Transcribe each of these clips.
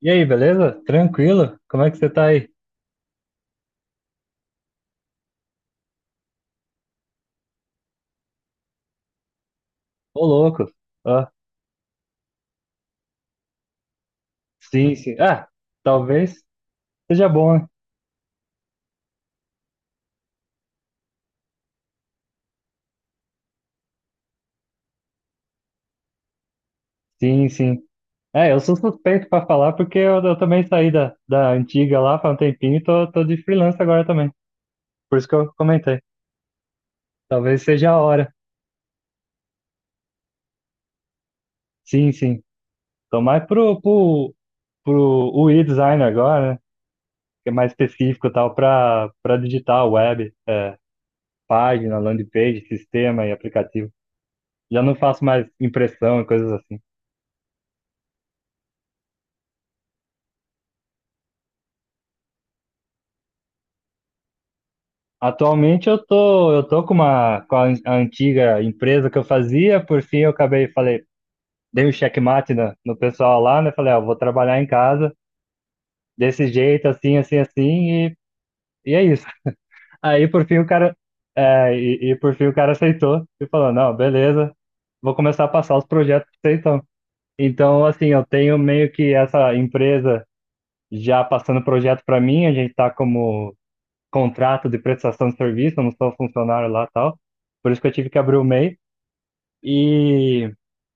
E aí, beleza? Tranquilo? Como é que você tá aí? Ô, louco. Ah, sim. Ah, talvez seja bom, né? Sim. É, eu sou suspeito pra falar porque eu também saí da antiga lá faz um tempinho e tô de freelance agora também. Por isso que eu comentei. Talvez seja a hora. Sim. Tô mais pro UI design agora, né? Que é mais específico e tal pra, pra digital, web, página, landing page, sistema e aplicativo. Já não faço mais impressão e coisas assim. Atualmente eu tô com com a a antiga empresa que eu fazia, por fim eu acabei, falei, dei um checkmate no pessoal lá, né? Falei, ó, vou trabalhar em casa desse jeito, assim, e, e é isso. Aí por fim o cara, e por fim o cara aceitou e falou, não, beleza, vou começar a passar os projetos pra você então. Então, assim, eu tenho meio que essa empresa já passando projeto para mim, a gente tá como contrato de prestação de serviço, eu não sou funcionário lá e tal. Por isso que eu tive que abrir o MEI. E,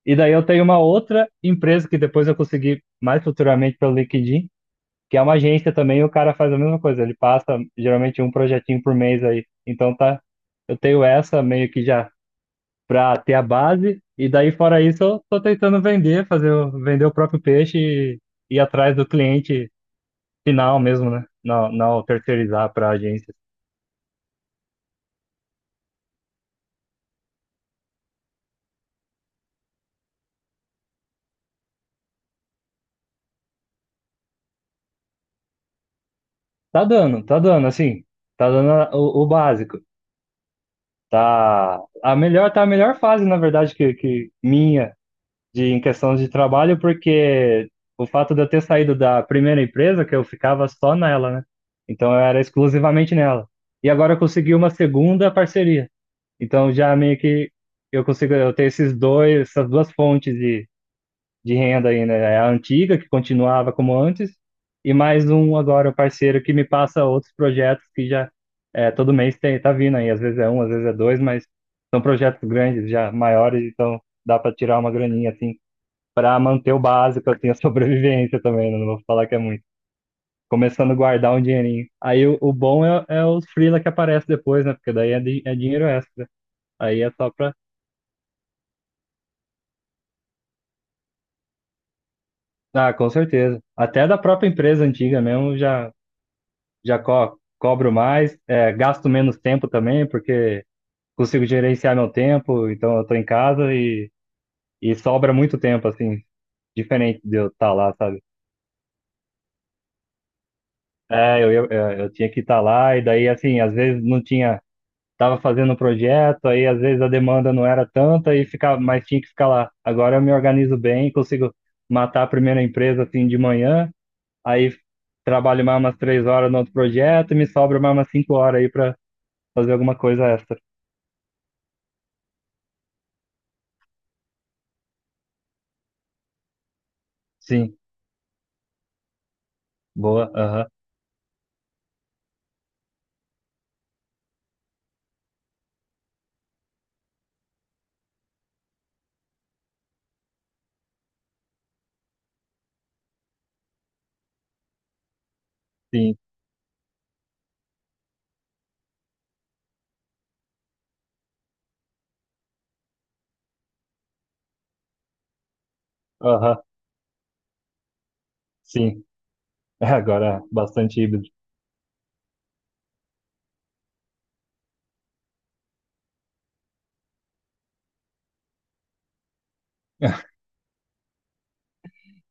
e daí eu tenho uma outra empresa que depois eu consegui mais futuramente pelo LinkedIn, que é uma agência também, e o cara faz a mesma coisa, ele passa geralmente um projetinho por mês aí. Então tá, eu tenho essa meio que já para ter a base, e daí fora isso eu tô tentando vender, vender o próprio peixe e ir atrás do cliente final mesmo, né? Não terceirizar para agência. Tá dando, assim, tá dando o básico. Tá a melhor fase, na verdade, que minha de em questão de trabalho, porque o fato de eu ter saído da primeira empresa, que eu ficava só nela, né? Então eu era exclusivamente nela. E agora eu consegui uma segunda parceria. Então já meio que eu consigo, eu tenho essas duas fontes de renda aí, né? É a antiga, que continuava como antes, e mais um agora, o parceiro que me passa outros projetos que todo mês tem, tá vindo aí. Às vezes é um, às vezes é dois, mas são projetos grandes, já maiores, então dá para tirar uma graninha, assim, para manter o básico, assim, a sobrevivência também, né? Não vou falar que é muito. Começando a guardar um dinheirinho. Aí o bom é, é os freela que aparece depois, né? Porque daí é, é dinheiro extra. Aí é só pra. Ah, com certeza. Até da própria empresa antiga mesmo já já co cobro mais, é, gasto menos tempo também, porque consigo gerenciar meu tempo, então eu tô em casa e sobra muito tempo, assim, diferente de eu estar lá, sabe? É, eu tinha que estar lá, e daí, assim, às vezes não tinha, tava fazendo um projeto, aí às vezes a demanda não era tanta, e ficava, mas tinha que ficar lá. Agora eu me organizo bem, consigo matar a primeira empresa, assim, de manhã, aí trabalho mais umas três horas no outro projeto, e me sobra mais umas cinco horas aí pra fazer alguma coisa extra. Sim. Boa, aham, sim, aham, sim. É, agora é bastante híbrido.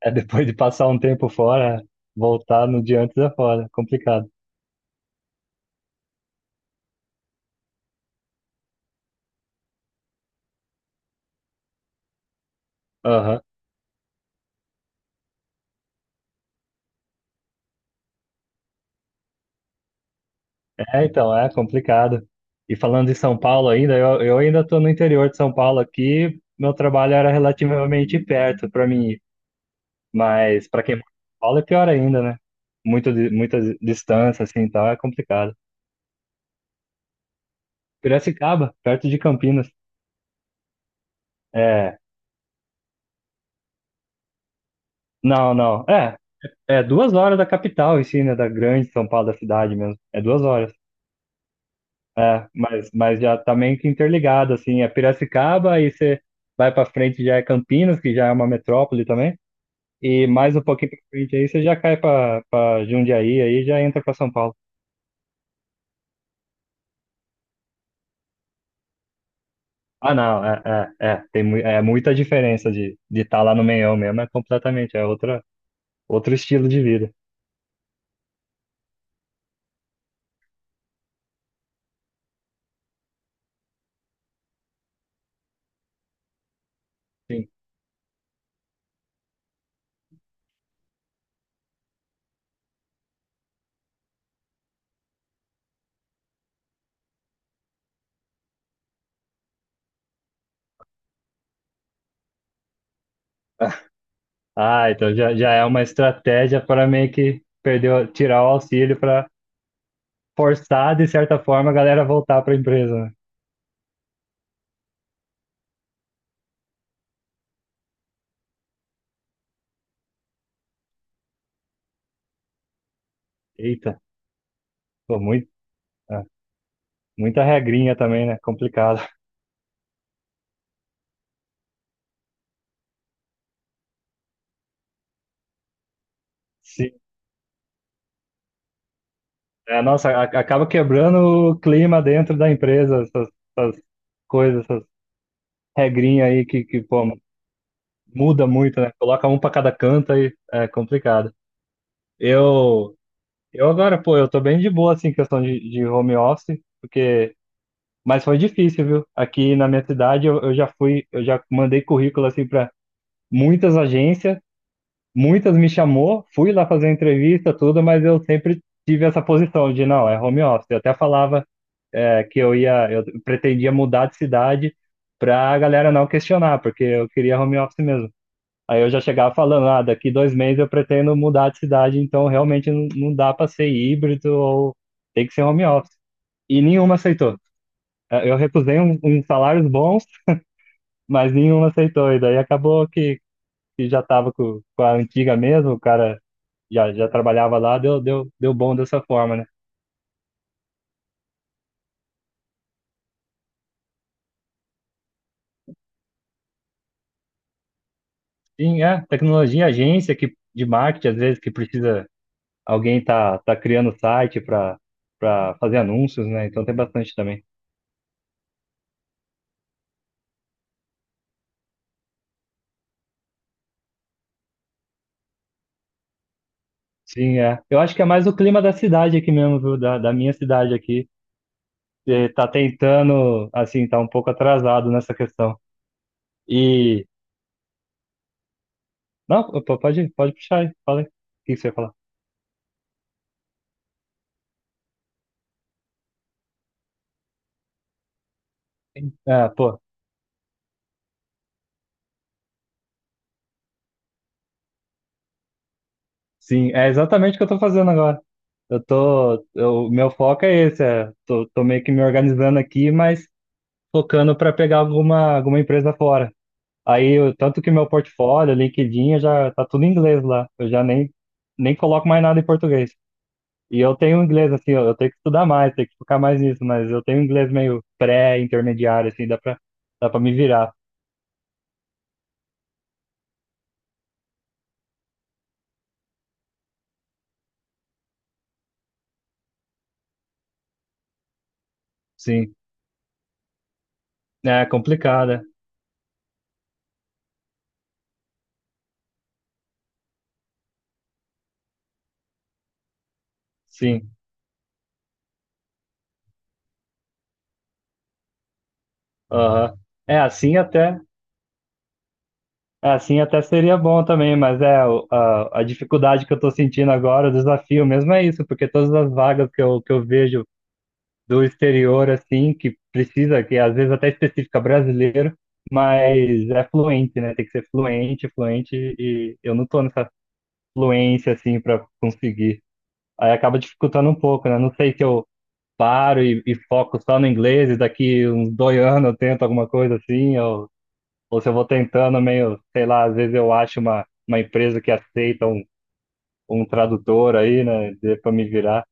É, depois de passar um tempo fora, voltar no dia antes é fora, complicado. Aham. É, então, é complicado. E falando de São Paulo ainda, eu ainda estou no interior de São Paulo aqui, meu trabalho era relativamente perto para mim, ir. Mas para quem mora em São Paulo é pior ainda, né? Muito, muita distância, assim, então é complicado. Piracicaba, perto de Campinas. É, não. É duas horas da capital em si, né? Da grande São Paulo, da cidade mesmo. É duas horas. É, mas já tá meio que interligado, assim. É Piracicaba, aí você vai pra frente já é Campinas, que já é uma metrópole também. E mais um pouquinho pra frente aí você já cai pra, pra Jundiaí, aí já entra pra São Paulo. Ah, não, é. É muita diferença de estar lá no meião mesmo, é completamente, é outra, outro estilo de vida. Sim. Ah, então já, já é uma estratégia para meio que perder, tirar o auxílio forçar, de certa forma, a galera voltar para a empresa, né? Eita, pô, muito, é, muita regrinha também, né? Complicado. Sim. É, nossa, acaba quebrando o clima dentro da empresa, essas essas regrinhas aí que pô, muda muito, né? Coloca um para cada canto aí, é complicado. Eu, eu agora, pô, eu tô bem de boa, assim, em questão de home office, porque... Mas foi difícil, viu? Aqui na minha cidade, eu já fui, eu já mandei currículo, assim, para muitas agências, muitas me chamou, fui lá fazer entrevista, tudo, mas eu sempre tive essa posição de não, é home office. Eu até falava é, que eu ia, eu pretendia mudar de cidade para a galera não questionar, porque eu queria home office mesmo. Aí eu já chegava falando, ah, daqui dois meses eu pretendo mudar de cidade, então realmente não, não dá para ser híbrido ou tem que ser home office. E nenhuma aceitou. É, eu recusei uns salários bons, mas nenhuma aceitou. E daí acabou que já estava com a antiga mesmo, o cara já trabalhava lá, deu bom dessa forma, né? Sim, é, tecnologia, agência que, de marketing, às vezes, que precisa, alguém tá criando site para fazer anúncios, né? Então tem bastante também. Sim, é. Eu acho que é mais o clima da cidade aqui mesmo, viu? Da minha cidade aqui. Eh, tá tentando, assim, tá um pouco atrasado nessa questão. E. Não, pô, pode puxar aí, fala aí. O que que você ia falar? É, pô, sim, é exatamente o que eu tô fazendo agora. Meu foco é esse, é, tô meio que me organizando aqui, mas focando para pegar alguma, alguma empresa fora. Aí, tanto que meu portfólio, LinkedIn, eu já tá tudo em inglês lá. Eu já nem, Nem coloco mais nada em português. E eu tenho inglês, assim, eu tenho que estudar mais, tenho que focar mais nisso, mas eu tenho inglês meio pré-intermediário, assim, dá pra me virar. Sim. É complicada, sim. Aham. É assim até. Assim até seria bom também, mas é a dificuldade que eu estou sentindo agora, o desafio mesmo é isso, porque todas as vagas que eu vejo do exterior, assim, que precisa, que às vezes até específica brasileiro, mas é fluente, né? Tem que ser fluente, e eu não estou nessa fluência, assim, para conseguir. Aí acaba dificultando um pouco, né? Não sei se eu paro e foco só no inglês, e daqui uns dois anos eu tento alguma coisa assim, ou se eu vou tentando meio, sei lá, às vezes eu acho uma empresa que aceita um, um tradutor aí, né, pra me virar.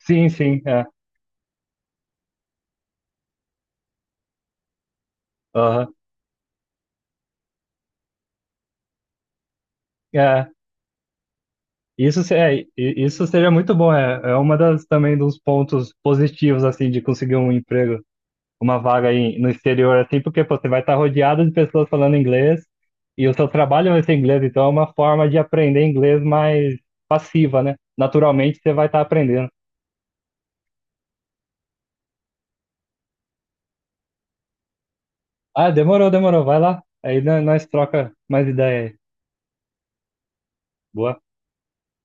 Sim, sim, é. Aham. É. Isso, isso seria muito bom, é, é uma das também dos pontos positivos, assim, de conseguir um emprego, uma vaga aí no exterior, assim, porque pô, você vai estar rodeado de pessoas falando inglês e o seu trabalho vai ser inglês, então é uma forma de aprender inglês mais passiva, né? Naturalmente você vai estar aprendendo. Ah, demorou. Vai lá. Aí nós troca mais ideia aí. Boa.